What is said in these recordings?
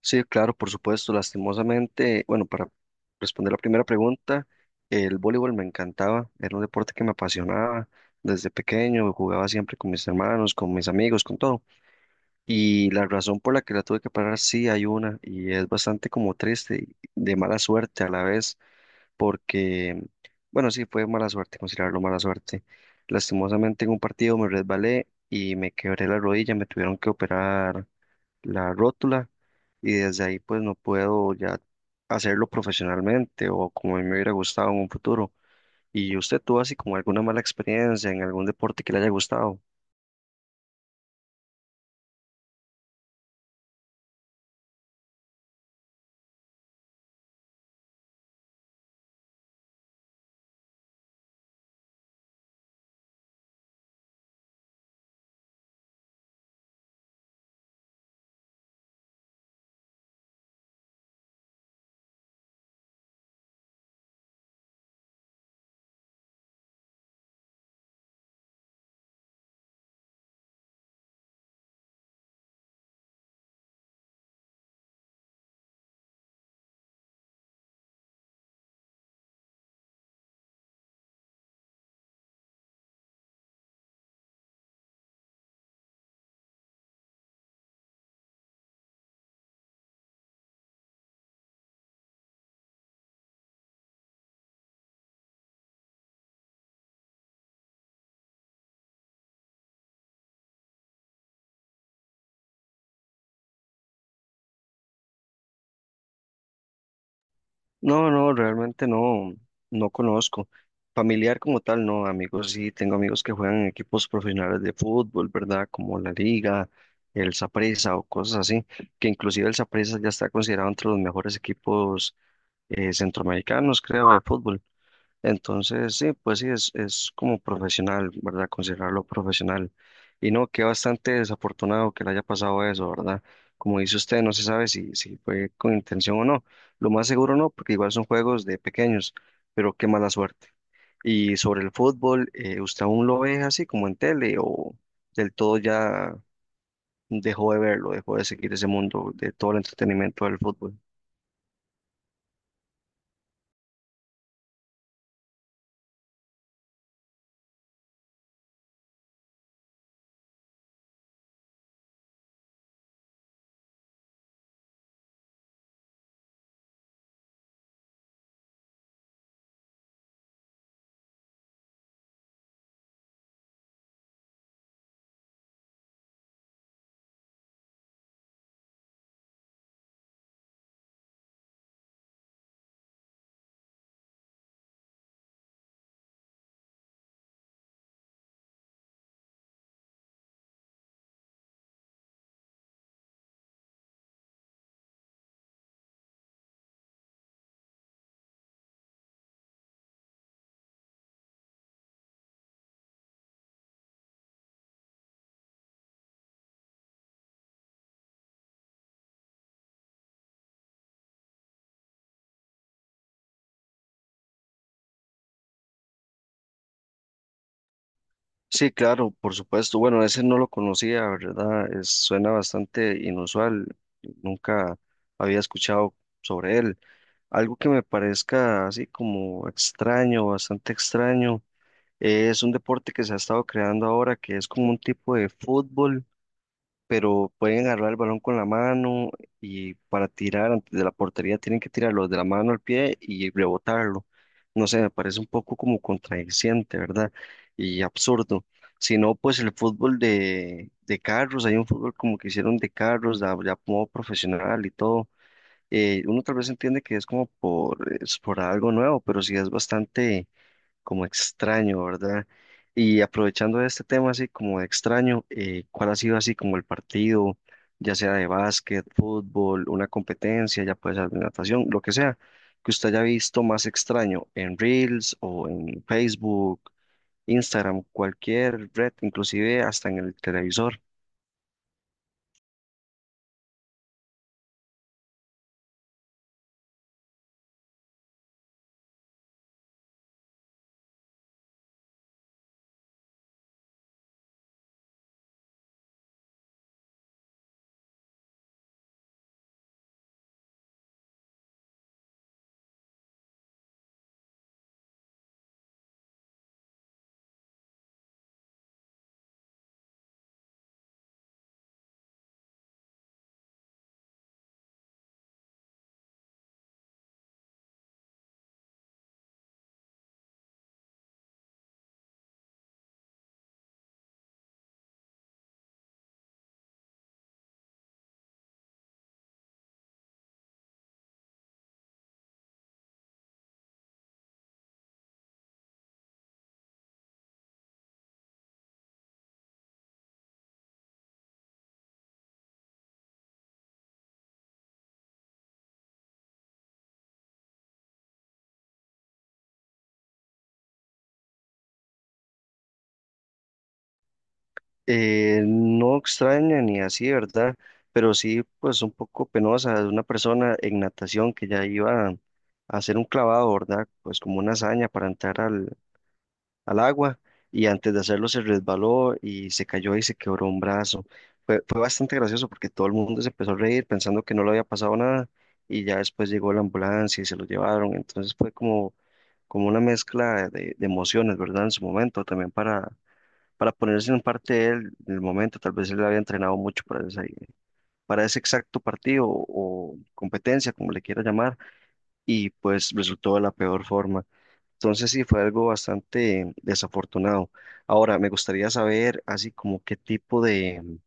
Sí, claro, por supuesto, lastimosamente, bueno, para responder la primera pregunta, el voleibol me encantaba, era un deporte que me apasionaba desde pequeño, jugaba siempre con mis hermanos, con mis amigos, con todo. Y la razón por la que la tuve que parar, sí hay una, y es bastante como triste, y de mala suerte a la vez, porque, bueno, sí, fue mala suerte, considerarlo mala suerte. Lastimosamente en un partido me resbalé y me quebré la rodilla, me tuvieron que operar la rótula y desde ahí pues no puedo ya hacerlo profesionalmente o como a mí me hubiera gustado en un futuro. ¿Y usted tuvo así como alguna mala experiencia en algún deporte que le haya gustado? No, no, realmente no, no conozco. Familiar como tal, no, amigos, sí, tengo amigos que juegan en equipos profesionales de fútbol, ¿verdad? Como la Liga, el Saprissa o cosas así, que inclusive el Saprissa ya está considerado entre los mejores equipos centroamericanos, creo, de fútbol. Entonces, sí, pues sí, es como profesional, ¿verdad? Considerarlo profesional. Y no, que bastante desafortunado que le haya pasado eso, ¿verdad? Como dice usted, no se sabe si, si fue con intención o no. Lo más seguro no, porque igual son juegos de pequeños, pero qué mala suerte. Y sobre el fútbol, ¿usted aún lo ve así como en tele o del todo ya dejó de verlo, dejó de seguir ese mundo de todo el entretenimiento del fútbol? Sí, claro, por supuesto. Bueno, ese no lo conocía, ¿verdad? Es- suena bastante inusual. Nunca había escuchado sobre él. Algo que me parezca así como extraño, bastante extraño, es un deporte que se ha estado creando ahora que es como un tipo de fútbol pero pueden agarrar el balón con la mano y para tirar antes de la portería tienen que tirarlo de la mano al pie y rebotarlo. No sé, me parece un poco como contradiciente, ¿verdad? Y absurdo. Si no, pues el fútbol de carros, hay un fútbol como que hicieron de carros, ya, ya como profesional y todo. Uno tal vez entiende que es como por, es por algo nuevo, pero sí es bastante como extraño, ¿verdad? Y aprovechando de este tema así como de extraño, ¿cuál ha sido así como el partido, ya sea de básquet, fútbol, una competencia, ya puede ser de natación, lo que sea, que usted haya visto más extraño en Reels o en Facebook, Instagram, cualquier red, inclusive hasta en el televisor? No extraña ni así, ¿verdad? Pero sí, pues un poco penosa de una persona en natación que ya iba a hacer un clavado, ¿verdad? Pues como una hazaña para entrar al, al agua y antes de hacerlo se resbaló y se cayó y se quebró un brazo. Fue, fue bastante gracioso porque todo el mundo se empezó a reír pensando que no le había pasado nada y ya después llegó la ambulancia y se lo llevaron. Entonces fue como, como una mezcla de emociones, ¿verdad? En su momento también para ponerse en parte de él en el momento. Tal vez él había entrenado mucho para ese exacto partido o competencia, como le quiera llamar, y pues resultó de la peor forma. Entonces sí, fue algo bastante desafortunado. Ahora, me gustaría saber, así como qué tipo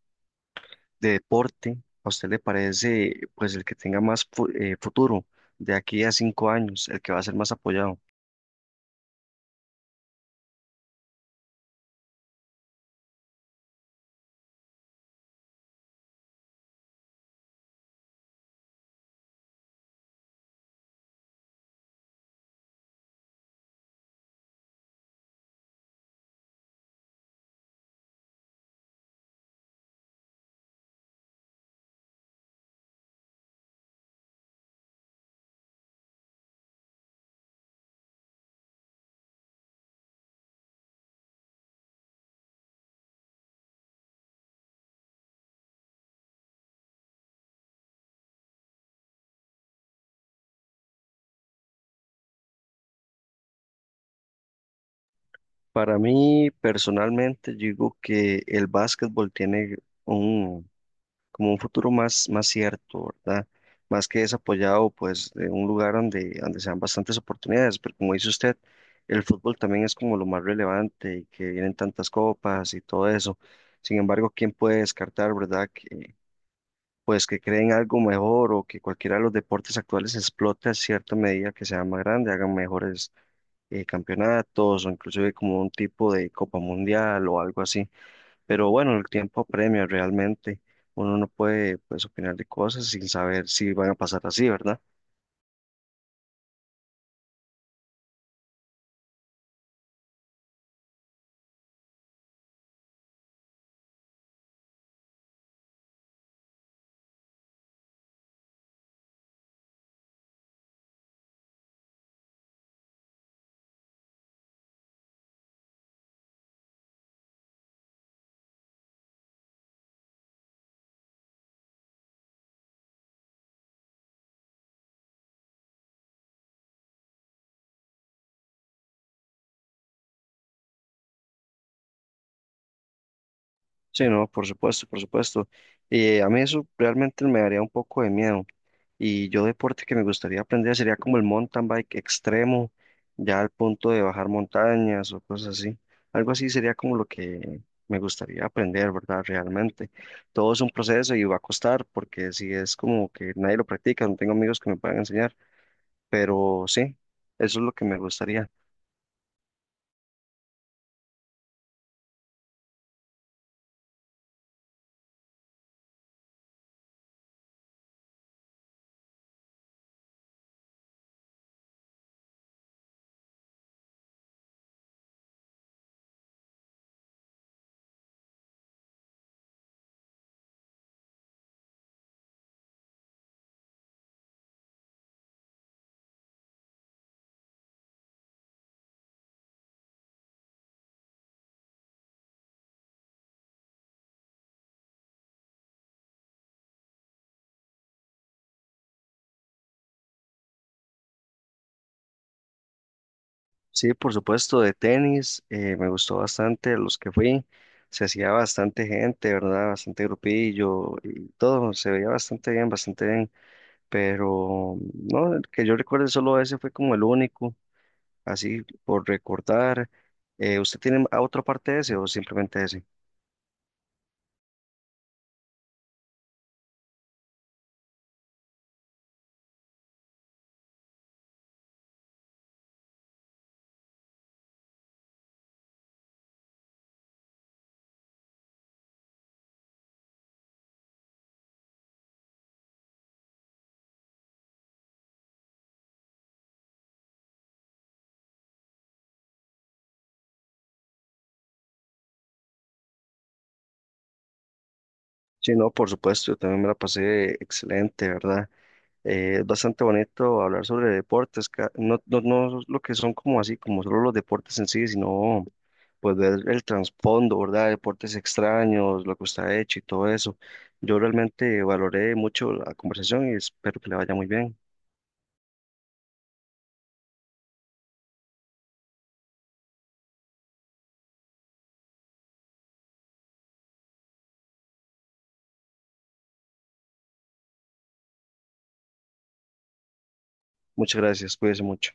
de deporte a usted le parece, pues el que tenga más futuro de aquí a 5 años, el que va a ser más apoyado. Para mí, personalmente, yo digo que el básquetbol tiene un como un futuro más, más cierto, ¿verdad? Más que desapoyado, pues, de un lugar donde, donde sean bastantes oportunidades, pero como dice usted, el fútbol también es como lo más relevante y que vienen tantas copas y todo eso. Sin embargo, ¿quién puede descartar, verdad? Que, pues que creen algo mejor o que cualquiera de los deportes actuales explote a cierta medida que sea más grande, hagan mejores campeonatos o inclusive como un tipo de Copa Mundial o algo así. Pero bueno, el tiempo apremia realmente. Uno no puede pues opinar de cosas sin saber si van a pasar así, ¿verdad? Sí, no, por supuesto, por supuesto. A mí eso realmente me daría un poco de miedo. Y yo deporte que me gustaría aprender sería como el mountain bike extremo, ya al punto de bajar montañas o cosas así. Algo así sería como lo que me gustaría aprender, ¿verdad? Realmente. Todo es un proceso y va a costar porque si es como que nadie lo practica, no tengo amigos que me puedan enseñar. Pero sí, eso es lo que me gustaría. Sí, por supuesto, de tenis, me gustó bastante los que fui. Se hacía bastante gente, ¿verdad? Bastante grupillo y todo, se veía bastante bien, bastante bien. Pero no, el que yo recuerde solo ese fue como el único, así por recordar. ¿Usted tiene a otra parte de ese o simplemente ese? Sí, no, por supuesto, yo también me la pasé excelente, ¿verdad? Es bastante bonito hablar sobre deportes, ca- no, no, no lo que son como así, como solo los deportes en sí, sino pues ver el trasfondo, ¿verdad? Deportes extraños, lo que está hecho y todo eso. Yo realmente valoré mucho la conversación y espero que le vaya muy bien. Muchas gracias, cuídese mucho.